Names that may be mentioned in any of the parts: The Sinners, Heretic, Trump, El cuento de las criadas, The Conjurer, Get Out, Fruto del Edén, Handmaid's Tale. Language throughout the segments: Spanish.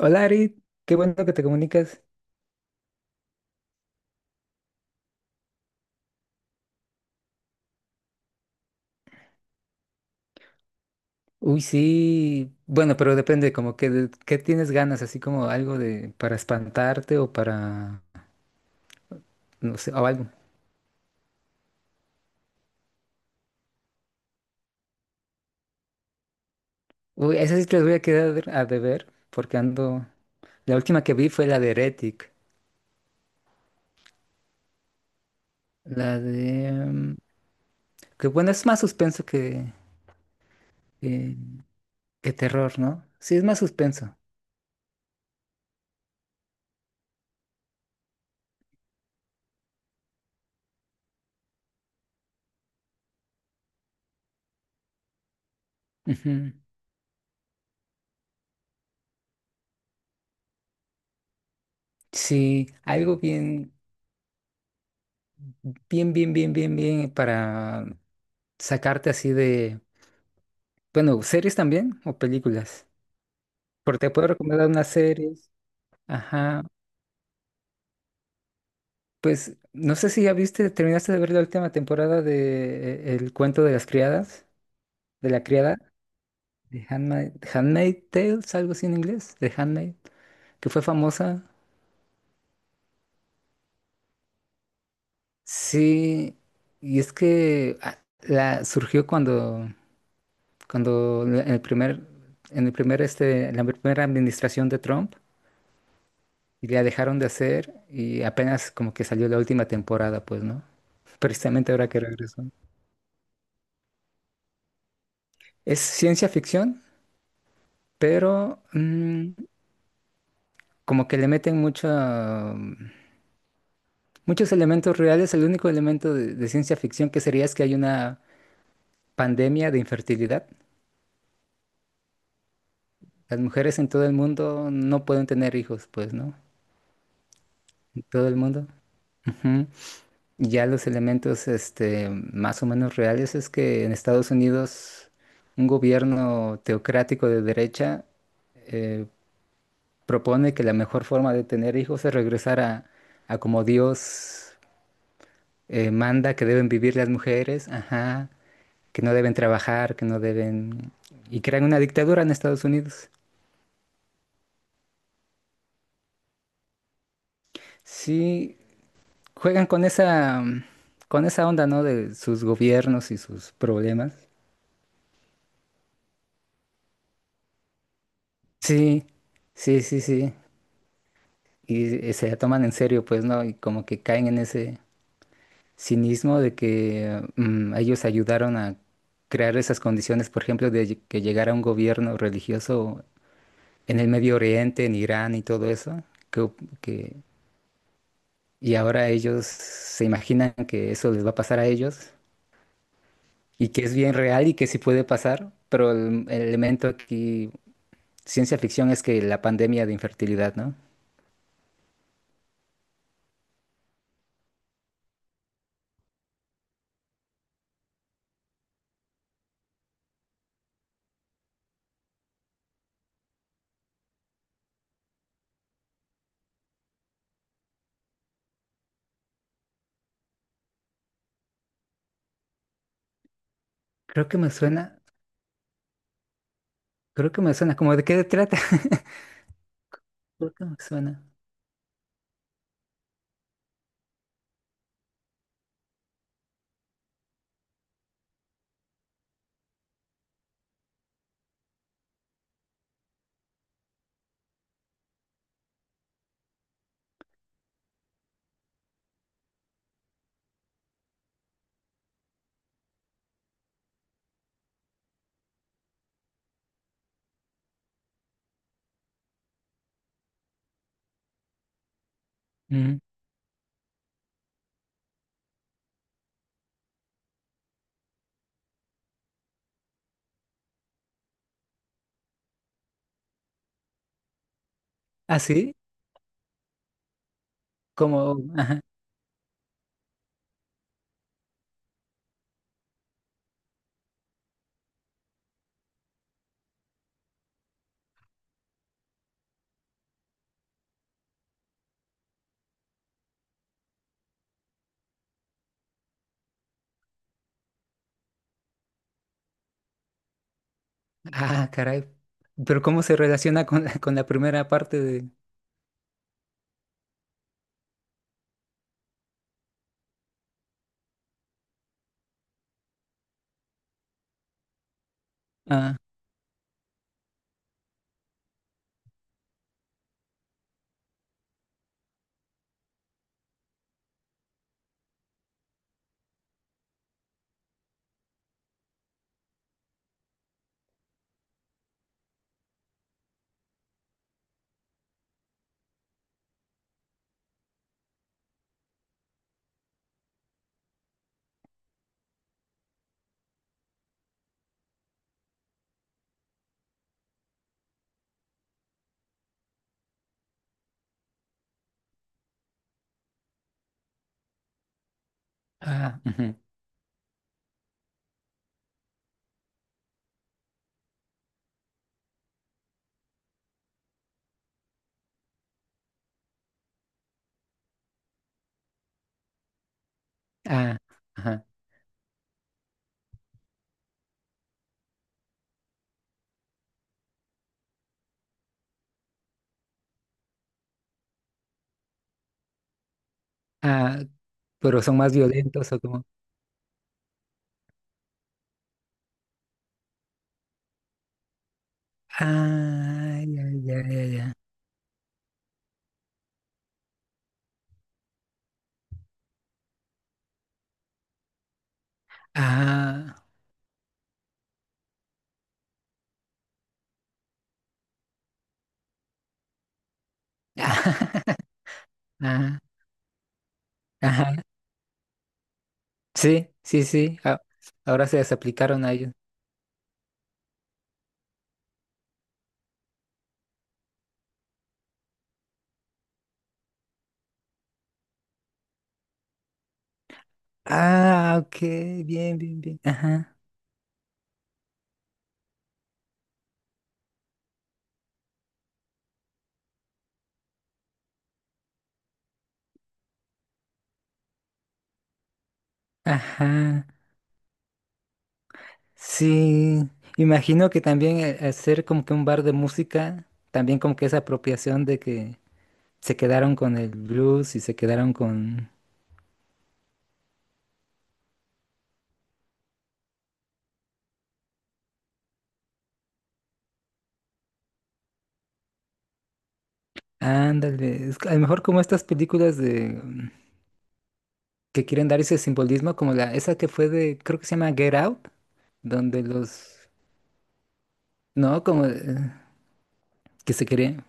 Hola Ari, qué bueno que te comunicas. Uy, sí, bueno, pero depende, como que qué tienes ganas, así como algo de para espantarte o para, no sé, o algo. Uy, esas sí te las voy a quedar a deber, porque ando, la última que vi fue la de Heretic, la de, que bueno, es más suspenso que, que, que terror, ¿no? Sí, es más suspenso. Ujú. Sí, algo bien para sacarte así de, bueno, series también o películas. Porque te puedo recomendar unas series. Ajá. Pues no sé si ya viste, terminaste de ver la última temporada de El cuento de las criadas, de la criada, de Handmaid, Handmaid Tales, algo así en inglés, de Handmaid, que fue famosa. Sí, y es que ah, la surgió cuando, en el primer, en el primer en la primera administración de Trump, y la dejaron de hacer, y apenas como que salió la última temporada, pues, ¿no? Precisamente ahora que regresó. Es ciencia ficción, pero como que le meten mucha, muchos elementos reales. El único elemento de ciencia ficción que sería es que hay una pandemia de infertilidad. Las mujeres en todo el mundo no pueden tener hijos, pues, ¿no? En todo el mundo. Ujú. Y ya los elementos, este, más o menos reales es que en Estados Unidos un gobierno teocrático de derecha eh, propone que la mejor forma de tener hijos es regresar a como Dios manda que deben vivir las mujeres, ajá, que no deben trabajar, que no deben... Y crean una dictadura en Estados Unidos. Sí, juegan con esa, con esa onda, ¿no? De sus gobiernos y sus problemas. Sí, sí, sí, sí. Y se la toman en serio, pues, ¿no? Y como que caen en ese cinismo de que ellos ayudaron a crear esas condiciones, por ejemplo, que llegara un gobierno religioso en el Medio Oriente, en Irán y todo eso, que, que y ahora ellos se imaginan que eso les va a pasar a ellos y que es bien real y que sí puede pasar, pero el elemento aquí, ciencia ficción, es que la pandemia de infertilidad, ¿no? Creo que me suena, creo que me suena, ¿como de qué trata? Creo que me suena. Ujú. ¿Ah, sí? Como, ajá. Ah, caray. Pero ¿cómo se relaciona con la, con la primera parte de... Ah, ah, ujú, ah, ajá, ah, pero ¿son más violentos o como...? Ah, ya, ya, ya, ya. Ah, ah, ah, ajá. Sí, sí, sí. a- Ahora se las aplicaron a ellos. Ah, ok, bien, bien, bien. Ajá, ajá. Sí. Imagino que también hacer como que un bar de música, también como que esa apropiación de que se quedaron con el blues y se quedaron con. Ándale. Es que a lo mejor como estas películas de que quieren dar ese simbolismo, como la, esa que fue de, creo que se llama Get Out, donde los. No, como que se querían.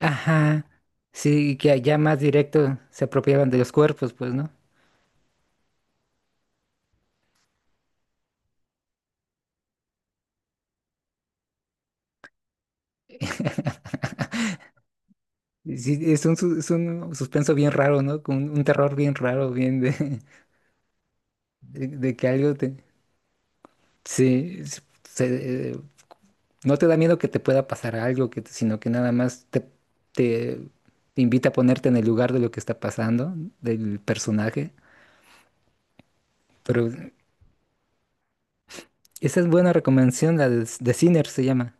Ajá, sí, y que allá más directo se apropiaban de los cuerpos, pues, ¿no? Y sí, es un, su- es un suspenso bien raro, ¿no? Con un terror bien raro, bien de, de que algo te... Sí, no te da miedo que te pueda pasar algo, que, te- sino que nada más te, te invita a ponerte en el lugar de lo que está pasando, del personaje. Pero esa es buena recomendación, la de Sinner se llama.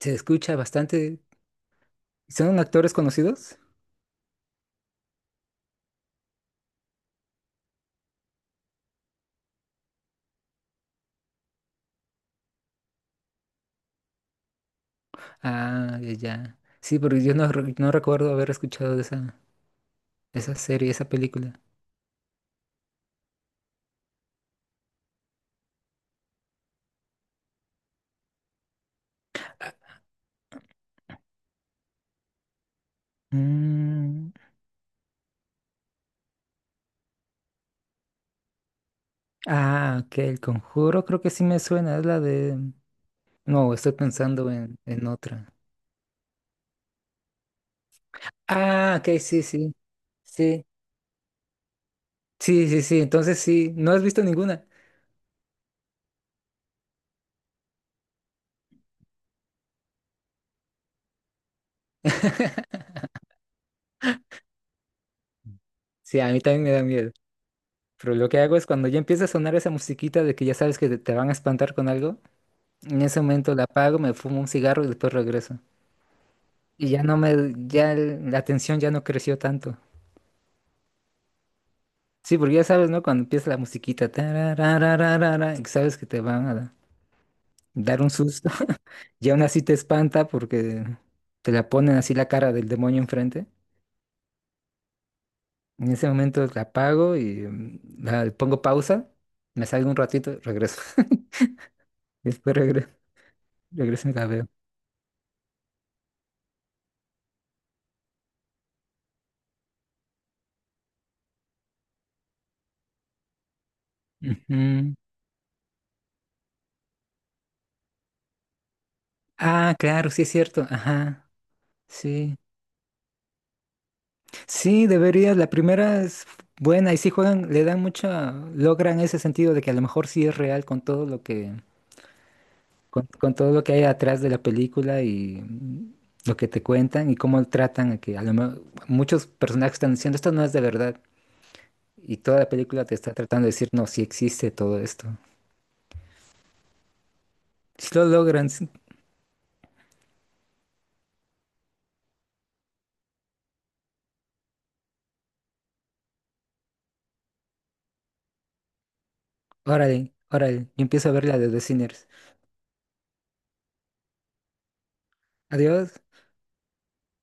Se escucha bastante. ¿Son actores conocidos? Ah, ya. Ya. Sí, porque yo no, re- no recuerdo haber escuchado de esa, esa serie, esa película. Mm, Ah, ok, El Conjuro creo que sí me suena, es la de... No, estoy pensando en otra. Ah, ok, sí, sí. Sí, sí, sí, sí, entonces sí, no has visto ninguna. Sí, a mí también me da miedo. Pero lo que hago es cuando ya empieza a sonar esa musiquita de que ya sabes que te van a espantar con algo, en ese momento la apago, me fumo un cigarro y después regreso. Y ya no me, ya la atención ya no creció tanto. Sí, porque ya sabes, ¿no? Cuando empieza la musiquita, tararararara, y sabes que te van a dar un susto. Y aún así te espanta porque te la ponen así la cara del demonio enfrente. En ese momento la apago y la, le pongo pausa, me salgo un ratito, regreso. Después regreso y la veo. Ujú. Ah, claro, sí es cierto. Ajá, sí. Sí, deberías. La primera es buena y sí juegan, le dan mucha, logran ese sentido de que a lo mejor sí es real con todo lo que, con todo lo que hay atrás de la película y lo que te cuentan y cómo tratan a que a lo mejor muchos personajes están diciendo esto no es de verdad y toda la película te está tratando de decir no, sí existe todo esto. Si lo logran, sí, órale, órale. Yo empiezo a ver la de The Sinners. Adiós.